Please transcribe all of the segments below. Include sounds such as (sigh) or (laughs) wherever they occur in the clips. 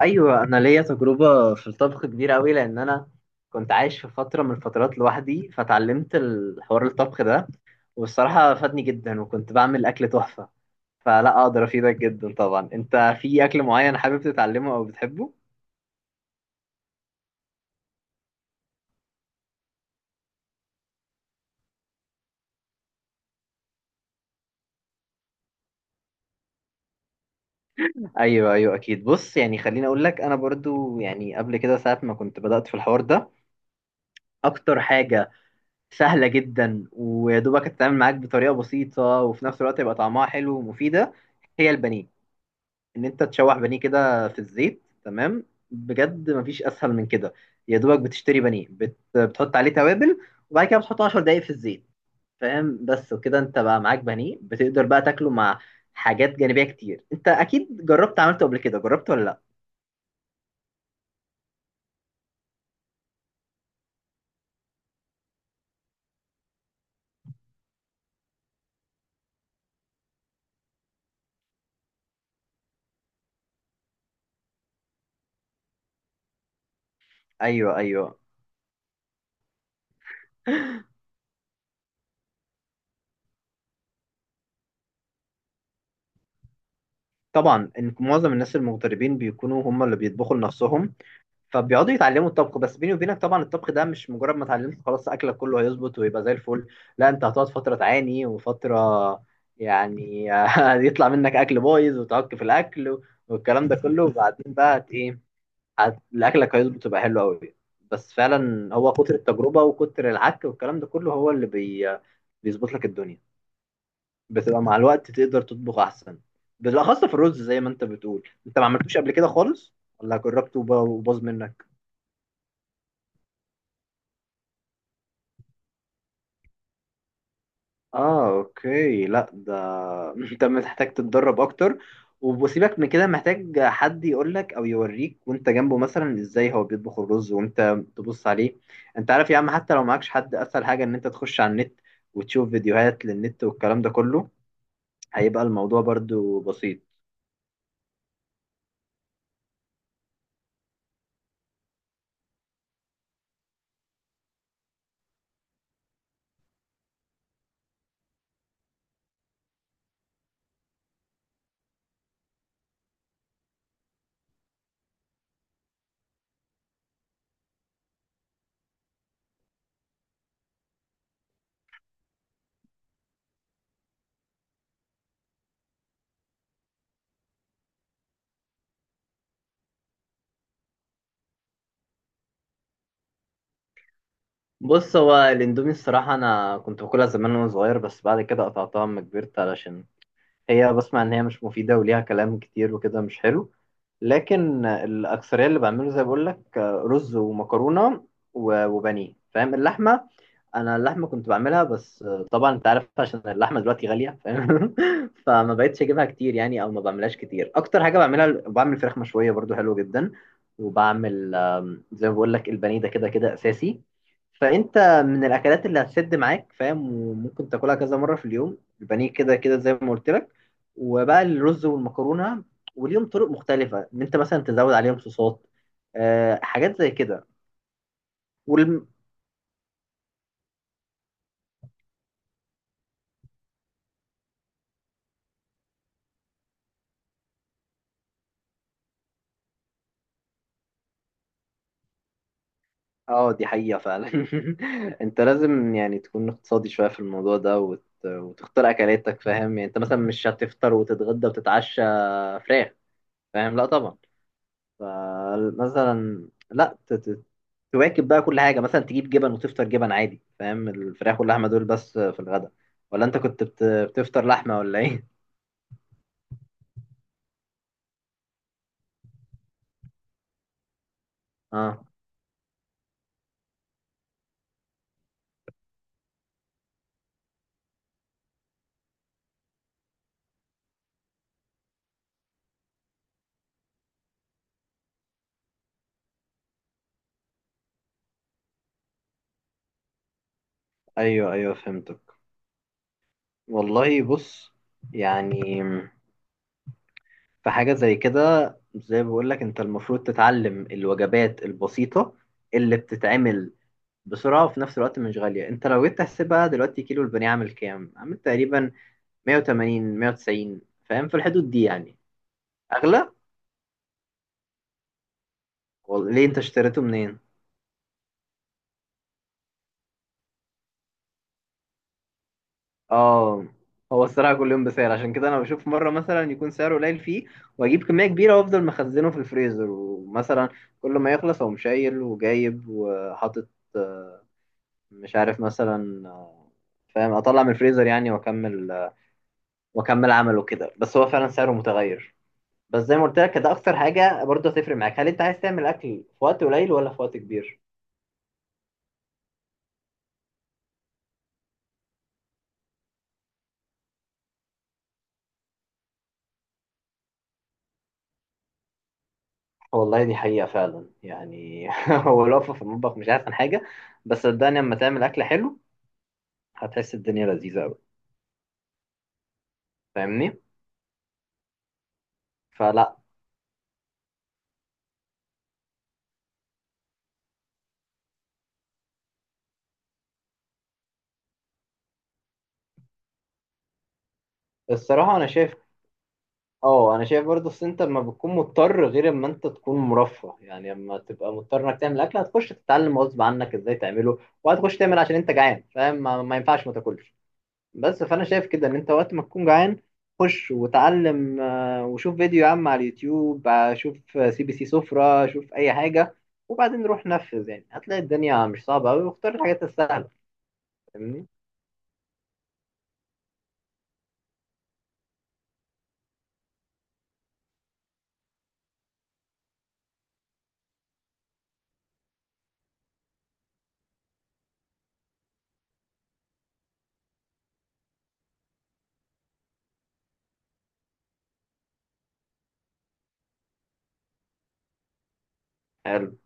ايوه، انا ليا تجربه في الطبخ كبيره قوي لان انا كنت عايش في فتره من الفترات لوحدي، فتعلمت الحوار الطبخ ده والصراحه فادني جدا، وكنت بعمل اكل تحفه. فلا اقدر افيدك جدا. طبعا انت في اكل معين حابب تتعلمه او بتحبه؟ ايوه اكيد. بص، خليني اقول لك، انا برضو قبل كده ساعه ما كنت بدات في الحوار ده، اكتر حاجه سهله جدا ويا دوبك تتعامل معاك بطريقه بسيطه وفي نفس الوقت يبقى طعمها حلو ومفيده، هي البانيه. ان انت تشوح بانيه كده في الزيت، تمام؟ بجد مفيش اسهل من كده. يا دوبك بتشتري بانيه بتحط عليه توابل، وبعد كده بتحطه 10 دقايق في الزيت. فاهم؟ بس وكده انت بقى معاك بانيه بتقدر بقى تاكله مع حاجات جانبية كتير. انت اكيد جربت عملته قبل كده، جربت ولا لا؟ ايوه طبعا. ان معظم الناس المغتربين بيكونوا هم اللي بيطبخوا لنفسهم، فبيقعدوا يتعلموا الطبخ. بس بيني وبينك، طبعا الطبخ ده مش مجرد ما اتعلمت خلاص اكلك كله هيظبط ويبقى زي الفل، لا، انت هتقعد فتره تعاني وفتره، يعني، (laughs) يطلع منك اكل بايظ وتعك في الاكل والكلام ده كله. وبعدين بقى الاكلك هيظبط ويبقى حلو قوي. بس فعلا هو كتر التجربه وكتر العك والكلام ده كله هو اللي بيظبط لك الدنيا. بتبقى مع الوقت تقدر تطبخ احسن، بالاخص في الرز. زي ما انت بتقول، انت ما عملتوش قبل كده خالص، ولا جربته وباظ منك؟ اه اوكي، لا ده (laughs) انت محتاج تتدرب اكتر. وسيبك من كده، محتاج حد يقول لك او يوريك وانت جنبه مثلا ازاي هو بيطبخ الرز وانت تبص عليه. انت عارف يا عم، حتى لو معكش حد، اسهل حاجه ان انت تخش على النت وتشوف فيديوهات للنت والكلام ده كله، هيبقى الموضوع برضو بسيط. بص، هو الاندومي الصراحه انا كنت باكلها زمان وانا صغير، بس بعد كده قطعتها اما كبرت، علشان هي بسمع ان هي مش مفيده وليها كلام كتير وكده مش حلو. لكن الاكثريه اللي بعمله، زي بقول لك، رز ومكرونه وبانيه، فاهم؟ اللحمه، انا اللحمه كنت بعملها، بس طبعا انت عارف عشان اللحمه دلوقتي غاليه فاهم، (laughs) فما بقتش اجيبها كتير يعني، او ما بعملهاش كتير. اكتر حاجه بعملها بعمل فراخ مشويه برضو حلوه جدا. وبعمل زي ما بقول لك البانيه، ده كده كده اساسي. فانت، من الاكلات اللي هتسد معاك فاهم، وممكن تاكلها كذا مره في اليوم، البانيه كده كده زي ما قلت لك. وبقى الرز والمكرونه، وليهم طرق مختلفه ان انت مثلا تزود عليهم صوصات، آه، حاجات زي كده. والم... اه دي حقيقه فعلا. (laughs) انت لازم يعني تكون اقتصادي شويه في الموضوع ده وتختار اكلاتك، فاهم؟ يعني انت مثلا مش هتفطر وتتغدى وتتعشى فراخ، فاهم؟ لا طبعا. فمثلا لا، تواكب بقى كل حاجه، مثلا تجيب جبن وتفطر جبن عادي، فاهم؟ الفراخ واللحمه دول بس في الغداء، ولا انت كنت بتفطر لحمه ولا ايه؟ اه، ايوه فهمتك. والله بص، يعني في حاجة زي كده، زي ما بقول لك، انت المفروض تتعلم الوجبات البسيطة اللي بتتعمل بسرعة وفي نفس الوقت مش غالية. انت لو جيت تحسبها دلوقتي، كيلو البانيه عامل كام؟ عامل تقريبا 180، 190 فاهم، في الحدود دي يعني. اغلى؟ ليه، انت اشتريته منين؟ اه، هو الصراحة كل يوم بسعر، عشان كده انا بشوف مرة مثلا يكون سعره قليل فيه، واجيب كمية كبيرة وافضل مخزنه في الفريزر، ومثلا كل ما يخلص اقوم شايل وجايب وحاطط، آه، مش عارف مثلا، فاهم؟ اطلع من الفريزر يعني واكمل، واكمل عمله كده. بس هو فعلا سعره متغير. بس زي ما قلت لك، ده اكتر حاجة برضه هتفرق معاك، هل انت عايز تعمل اكل في وقت قليل ولا في وقت كبير. والله دي حقيقة فعلا يعني، (laughs) هو الوقفة في المطبخ مش احسن حاجة، بس صدقني لما تعمل أكل حلو هتحس الدنيا لذيذة أوي، فاهمني. فلا، الصراحة أنا شايف، اه انا شايف برضه، اصل انت لما بتكون مضطر غير اما انت تكون مرفه يعني. اما تبقى مضطر انك تعمل اكل، هتخش تتعلم غصب عنك ازاي تعمله، وهتخش تعمل عشان انت جعان، فاهم؟ ما ينفعش ما تاكلش. بس فانا شايف كده ان انت وقت ما تكون جعان، خش وتعلم، وشوف فيديو يا عم على اليوتيوب، شوف سي بي سي سفرة، شوف اي حاجة، وبعدين روح نفذ. يعني هتلاقي الدنيا مش صعبة قوي، واختار الحاجات السهلة، فاهمني؟ حلو.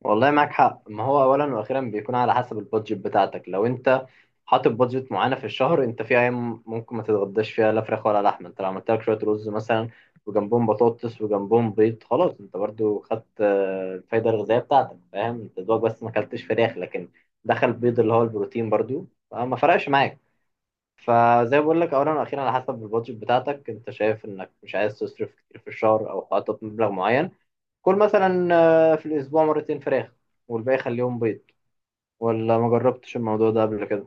والله معاك حق. ما هو اولا واخيرا بيكون على حسب البادجت بتاعتك. لو انت حاطط بادجت معينه في الشهر، انت في ايام ممكن ما تتغداش فيها لا فراخ ولا لحمه. انت لو عملت لك شويه رز مثلا وجنبهم بطاطس وجنبهم بيض، خلاص، انت برضو خدت الفايده الغذائيه بتاعتك، فاهم؟ انت دوبك بس ما اكلتش فراخ، لكن دخل بيض اللي هو البروتين برضو، فما فرقش معاك. فزي ما بقول لك، اولا واخيرا على حسب البادجت بتاعتك. انت شايف انك مش عايز تصرف كتير في الشهر، او حاطط مبلغ معين، كل مثلا، في الاسبوع مرتين فراخ والباقي خليهم بيض، ولا ما جربتش الموضوع ده قبل كده؟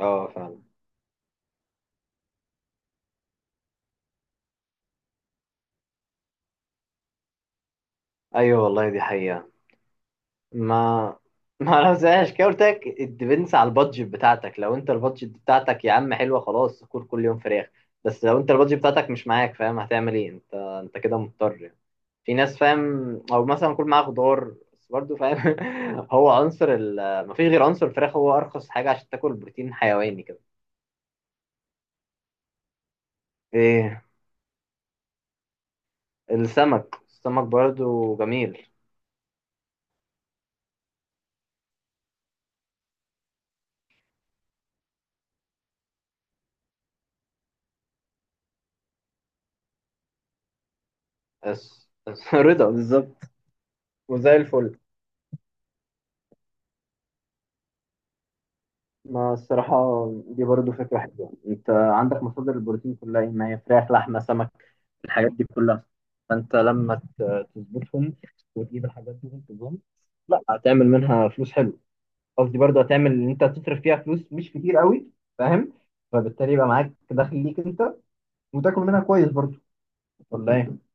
اه فعلا. ايوه والله دي حقيقة. ما، ما انا زهقش. كده قلت لك، الديبنس على البادجت بتاعتك. لو انت البادجت بتاعتك يا عم حلوه، خلاص كل يوم فراخ. بس لو انت البادجت بتاعتك مش معاك فاهم، هتعمل ايه؟ انت كده مضطر يعني. في ناس فاهم، او مثلا كل معاه خضار بس برضه فاهم، (laughs) هو عنصر ال مفيش غير عنصر الفراخ، هو ارخص حاجه عشان تاكل بروتين حيواني كده. ايه؟ السمك. السمك برضو جميل. بس (laughs) رضا بالظبط. وزي الفل. ما الصراحة دي برضو فكرة حلوة. انت عندك مصادر البروتين كلها، ايه؟ ما هي فراخ، لحمة، سمك، الحاجات دي كلها. فانت لما تظبطهم وتجيب الحاجات دي وتظبطهم، لا هتعمل منها فلوس حلو. قصدي برضو هتعمل ان انت هتصرف فيها فلوس مش كتير قوي، فاهم؟ فبالتالي يبقى معاك دخل ليك انت، وتاكل منها كويس برضو، ولا ايه؟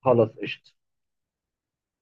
خلاص قشطة.